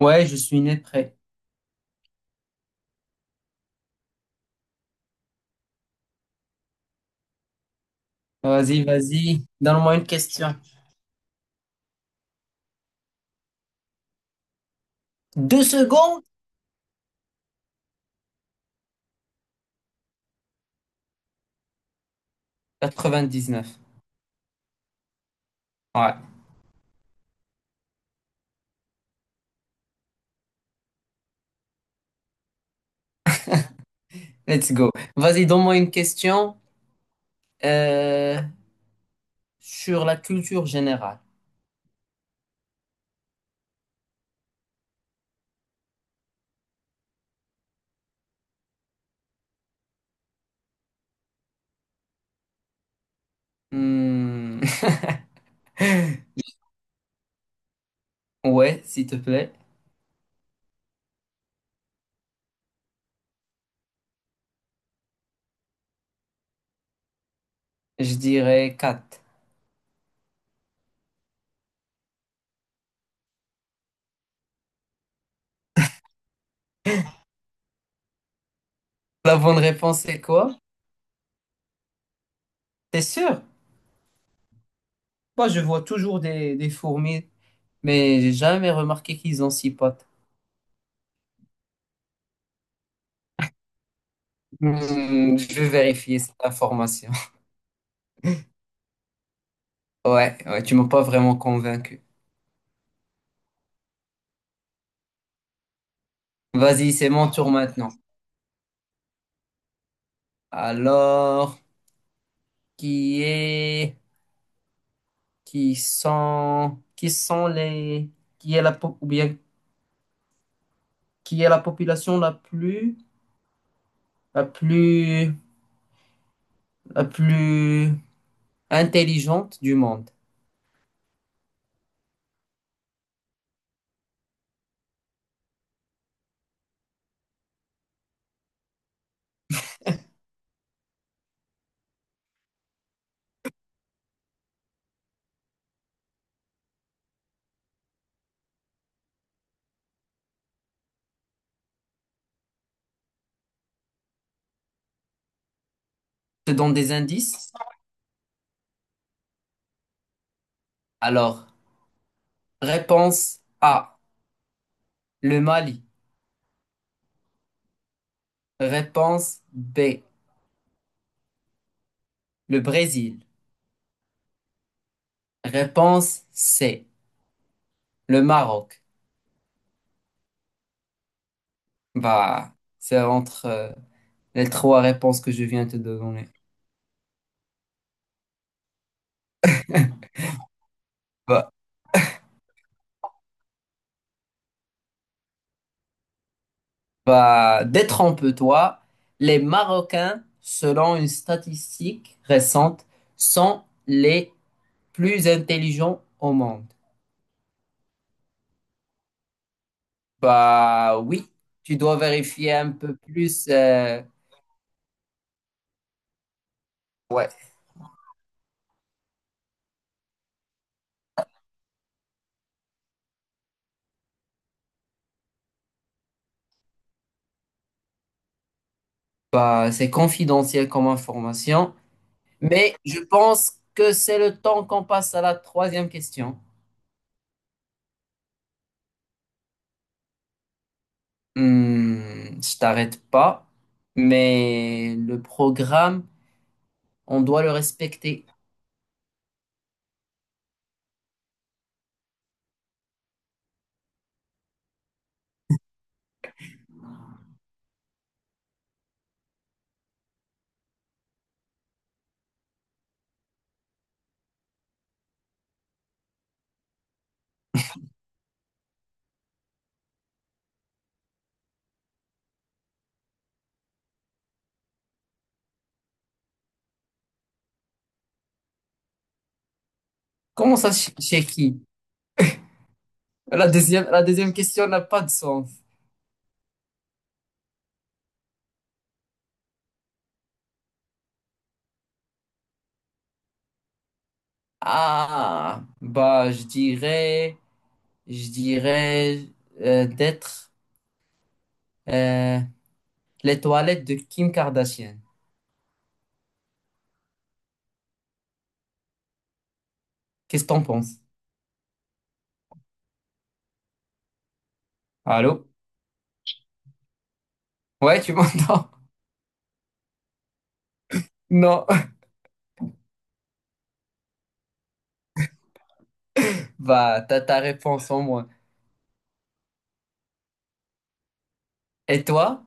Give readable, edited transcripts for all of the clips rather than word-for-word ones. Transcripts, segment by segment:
Ouais, je suis né prêt. Vas-y, vas-y. Donne-moi une question. Deux secondes? Quatre-vingt-dix-neuf. Ouais, let's go. Vas-y, donne-moi une question euh, sur la culture générale. Hmm, ouais, s'il te plaît. Je dirais 4. La bonne réponse, c'est quoi? T'es sûr? Moi, je vois toujours des fourmis, mais j'ai jamais remarqué qu'ils ont six pattes. Hmm, je vais vérifier cette information. Ouais, ouais, tu m'as pas vraiment convaincu. Vas-y, c'est mon tour maintenant. Alors, qui est, qui sont, qui sont les, qui est la, qui est la population la plus, la plus intelligente du monde? Je te donne des indices. Alors, réponse A, le Mali. Réponse B, le Brésil. Réponse C, le Maroc. Bah, c'est entre les trois réponses que je viens de te donner. Bah, bah, détrompe-toi. Les Marocains, selon une statistique récente, sont les plus intelligents au monde. Bah oui, tu dois vérifier un peu plus. Ouais. Bah, c'est confidentiel comme information, mais je pense que c'est le temps qu'on passe à la troisième question. Hmm, je t'arrête pas, mais le programme, on doit le respecter. Comment ça, chez qui? La deuxième question n'a pas de sens. Ah, bah, je dirais d'être euh, les toilettes de Kim Kardashian. Qu'est-ce que t'en penses? Allô? Ouais, tu m'entends? Non. Bah, t'as ta réponse en moi. Et toi?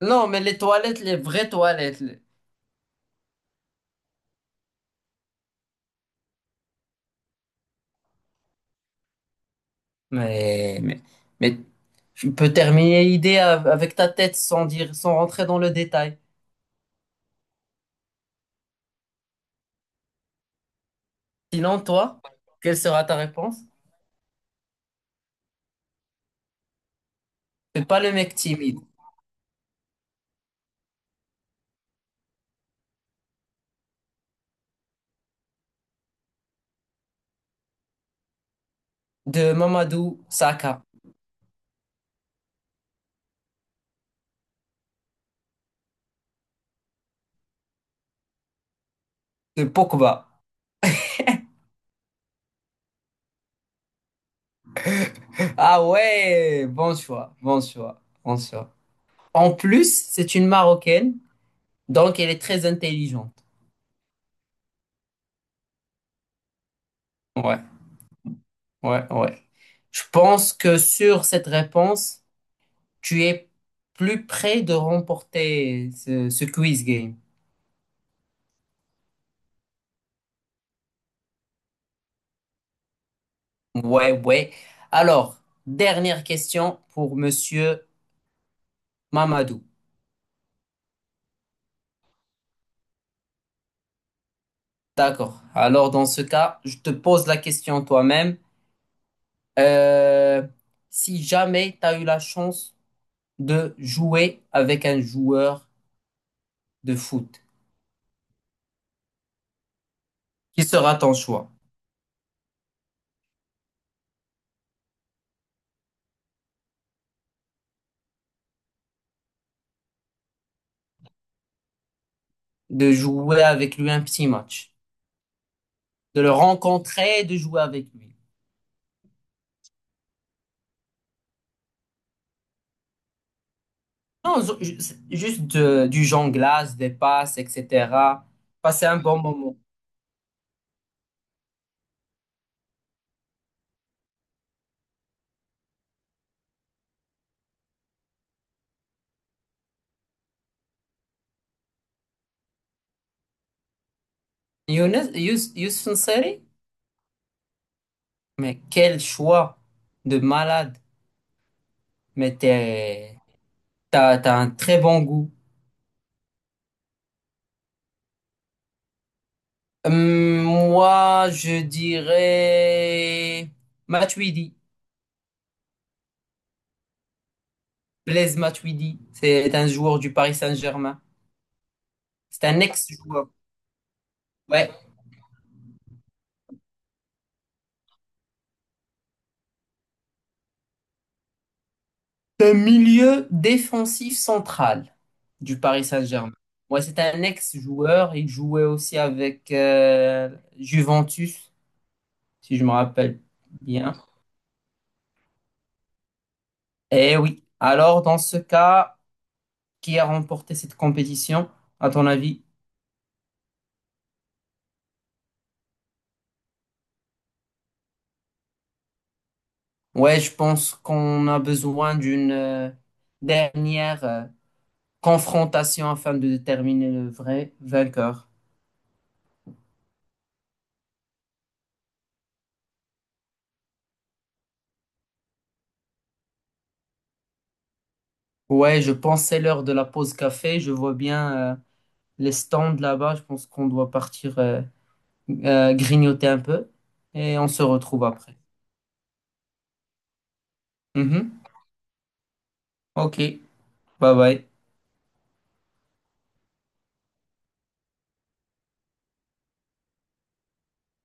Non, mais les toilettes, les vraies toilettes. Mais, mais, mais tu peux terminer l'idée avec ta tête sans dire, sans rentrer dans le détail. Sinon, toi, quelle sera ta réponse? C'est pas le mec timide de Mamadou Saka, de Pogba. Ah ouais, bon choix, bon choix, bon choix. En plus, c'est une Marocaine, donc elle est très intelligente. Ouais, ouais, ouais. Je pense que sur cette réponse, tu es plus près de remporter ce quiz game. Ouais, ouais. Alors, dernière question pour Monsieur Mamadou. D'accord. Alors, dans ce cas, je te pose la question toi-même. Euh, si jamais tu as eu la chance de jouer avec un joueur de foot, qui sera ton choix? De jouer avec lui un petit match, de le rencontrer, de jouer avec lui. Non, juste du jonglage, des passes, etc. Passer un bon moment. Youssef N'Seri? Mais quel choix de malade. Mais t'es- T'as, t'as un très bon goût. Moi, je dirais Matuidi. Blaise Matuidi. C'est un joueur du Paris Saint-Germain. C'est un ex-joueur. Ouais. C'est un milieu défensif central du Paris Saint-Germain. Moi, c'est un ex-joueur. Il jouait aussi avec Juventus, si je me rappelle bien. Eh oui. Alors, dans ce cas, qui a remporté cette compétition, à ton avis? Ouais, je pense qu'on a besoin d'une dernière confrontation afin de déterminer le vrai vainqueur. Ouais, je pense que c'est l'heure de la pause café. Je vois bien. Les stands là-bas. Je pense qu'on doit partir grignoter un peu et on se retrouve après. Mhm. Ok, bye bye.